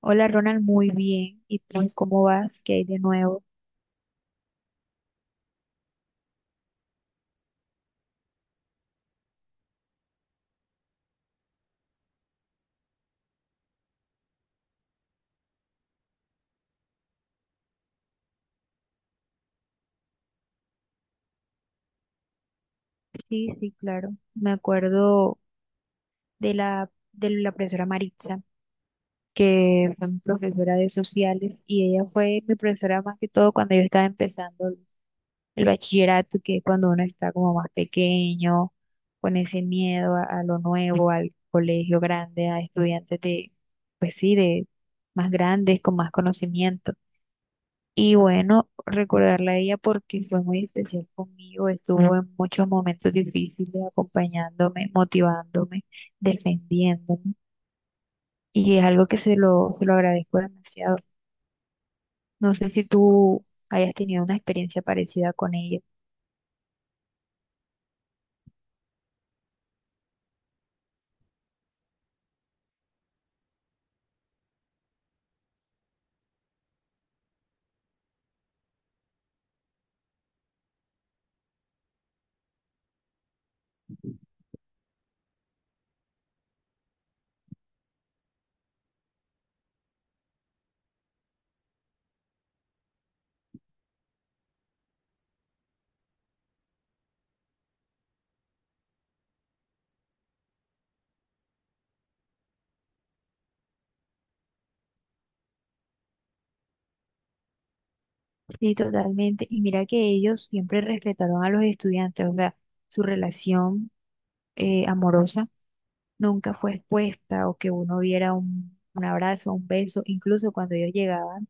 Hola Ronald, muy bien. ¿Y tú cómo vas? ¿Qué hay de nuevo? Sí, sí, claro. Me acuerdo de la profesora Maritza, que fue mi profesora de sociales y ella fue mi profesora más que todo cuando yo estaba empezando el bachillerato, que es cuando uno está como más pequeño, con ese miedo a lo nuevo, al colegio grande, a estudiantes de, pues sí, de más grandes, con más conocimiento. Y bueno, recordarla a ella porque fue muy especial conmigo, estuvo en muchos momentos difíciles acompañándome, motivándome, defendiéndome. Y es algo que se lo agradezco demasiado. No sé si tú hayas tenido una experiencia parecida con ella. Sí, totalmente. Y mira que ellos siempre respetaron a los estudiantes, o sea, su relación amorosa nunca fue expuesta o que uno viera un abrazo, un beso, incluso cuando ellos llegaban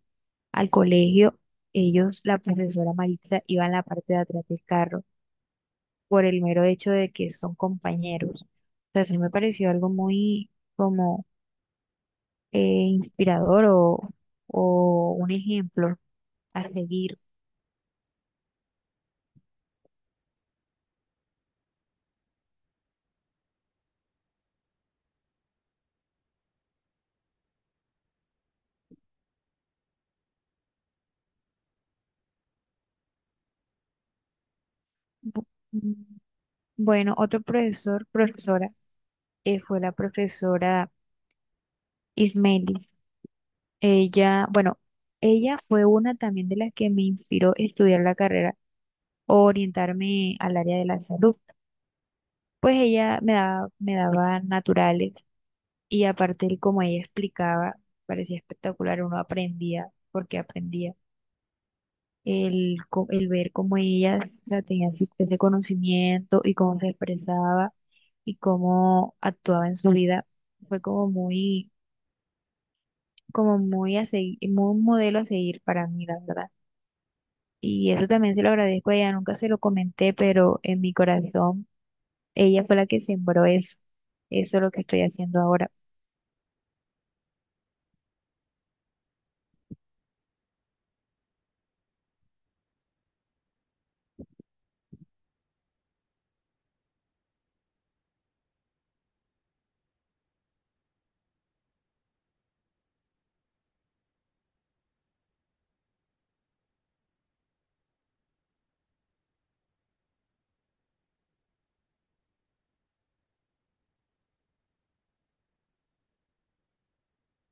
al colegio, ellos, la profesora Maritza, iba en la parte de atrás del carro por el mero hecho de que son compañeros. O sea, sí me pareció algo muy como eh, inspirador o un ejemplo a seguir. Bu- mm, Bueno, otro profesor, profesora, fue la profesora Ismelis. Ella, bueno, ella fue una también de las que me inspiró a estudiar la carrera o orientarme al área de la salud. Pues ella me daba naturales y aparte el como ella explicaba, parecía espectacular, uno aprendía, porque aprendía el ver cómo ella, o sea, tenía ese conocimiento y cómo se expresaba y cómo actuaba en su vida. Fue como muy a seguir, muy un modelo a seguir para mí, la verdad. Y eso también se lo agradezco a ella, nunca se lo comenté, pero en mi corazón ella fue la que sembró eso, eso es lo que estoy haciendo ahora.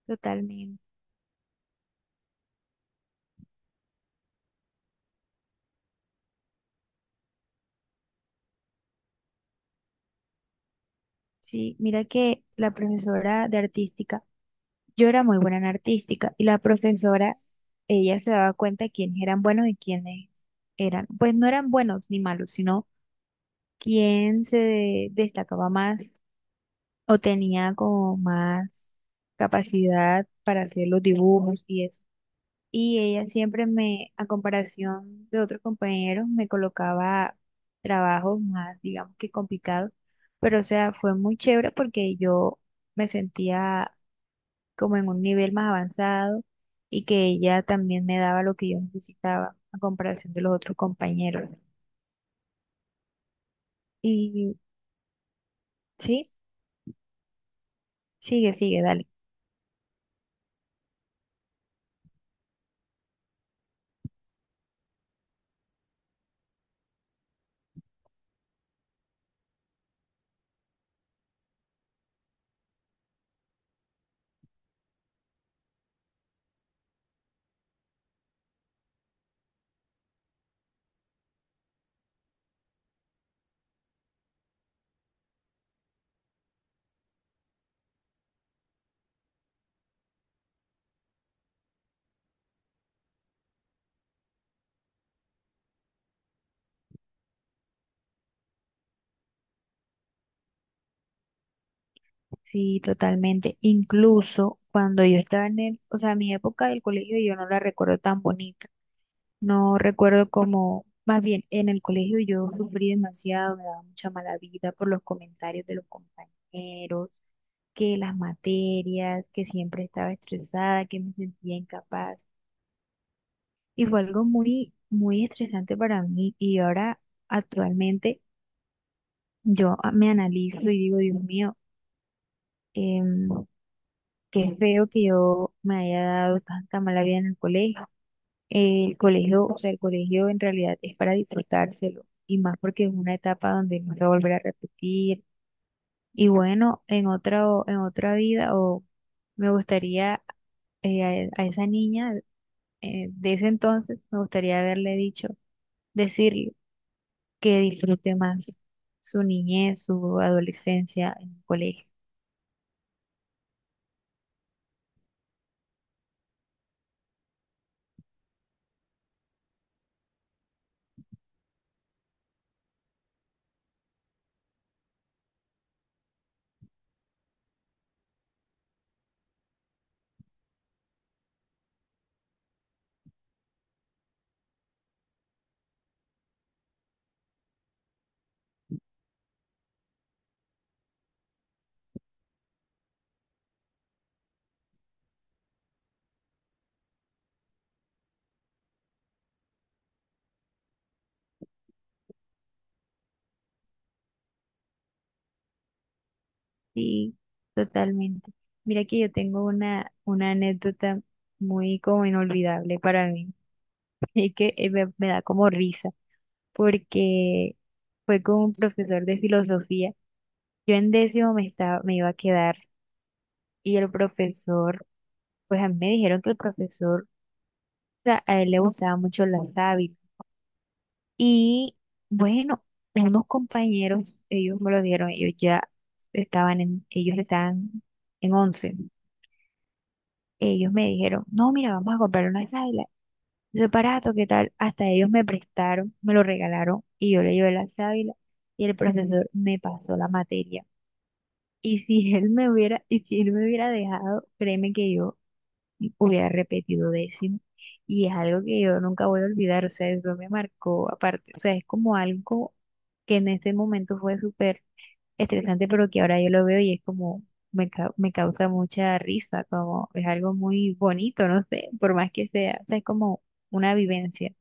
Totalmente. Sí, mira que la profesora de artística, yo era muy buena en artística y la profesora, ella se daba cuenta de quiénes eran buenos y quiénes eran, pues no eran buenos ni malos, sino quién destacaba más o tenía como más capacidad para hacer los dibujos y eso. Y ella siempre me, a comparación de otros compañeros, me colocaba trabajos más, digamos que complicados. Pero, o sea, fue muy chévere porque yo me sentía como en un nivel más avanzado y que ella también me daba lo que yo necesitaba a comparación de los otros compañeros. Y sí, sigue, dale. Sí, totalmente. Incluso cuando yo estaba en el, o sea, mi época del colegio yo no la recuerdo tan bonita. No recuerdo cómo, más bien en el colegio yo sufrí demasiado, me daba mucha mala vida por los comentarios de los compañeros, que las materias, que siempre estaba estresada, que me sentía incapaz. Y fue algo muy estresante para mí. Y ahora, actualmente, me analizo y digo, Dios mío, em, qué feo que yo me haya dado tanta mala vida en el colegio. El colegio, o sea, el colegio en realidad es para disfrutárselo y más porque es una etapa donde no se va a volver a repetir. Y bueno, en otra vida o me gustaría, a esa niña de ese entonces, me gustaría haberle dicho, decirle que disfrute más su niñez, su adolescencia en el colegio. Sí, totalmente. Mira que yo tengo una anécdota muy como inolvidable para mí. Y que me da como risa, porque fue con un profesor de filosofía. Yo en décimo me estaba, me iba a quedar y el profesor, pues a mí me dijeron que el profesor, o sea, a él le gustaban mucho las hábitos. Y bueno, unos compañeros, ellos me lo dijeron, ellos ya estaban en, ellos estaban en once. Ellos me dijeron, no, mira, vamos a comprar una sábanas ese aparato, ¿qué tal? Hasta ellos me prestaron, me lo regalaron y yo le llevé la sábila y el profesor me pasó la materia. Y si él me hubiera, y si él me hubiera dejado, créeme que yo hubiera repetido décimo. Y es algo que yo nunca voy a olvidar, o sea, eso me marcó aparte, o sea, es como algo que en ese momento fue súper estresante, pero que ahora yo lo veo y es como, me causa mucha risa, como es algo muy bonito, no sé, por más que sea, o sea, es como una vivencia.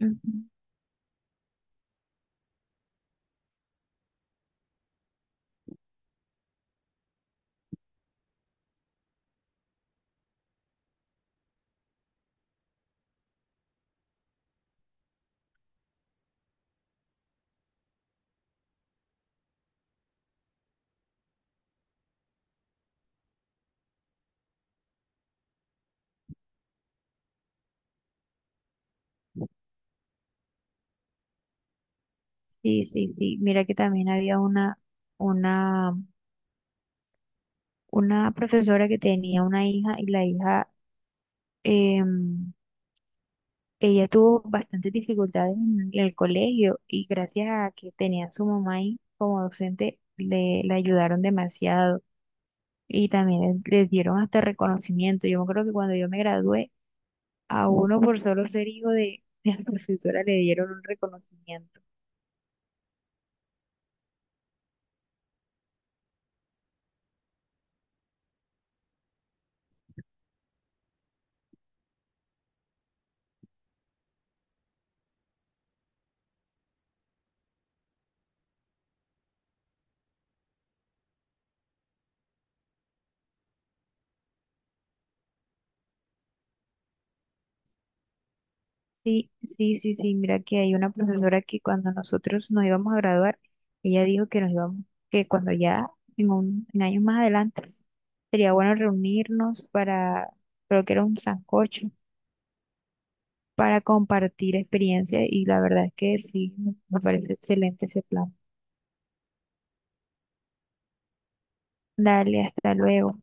Ujú. Sí, sí, sí. Mira que también había una, una profesora que tenía una hija y la hija, em, ella tuvo bastantes dificultades en el colegio y gracias a que tenía a su mamá ahí como docente, le, la ayudaron demasiado y también les dieron hasta reconocimiento. Yo me acuerdo que cuando yo me gradué, a uno por solo ser hijo de la profesora le dieron un reconocimiento. Sí, sí, sí, sí, mira que hay una profesora que cuando nosotros nos íbamos a graduar, ella dijo que nos íbamos, que cuando ya en un, en años más adelante sería bueno reunirnos para, creo que era un sancocho, para compartir experiencias y la verdad es que sí, me parece excelente ese plan. Dale, hasta luego.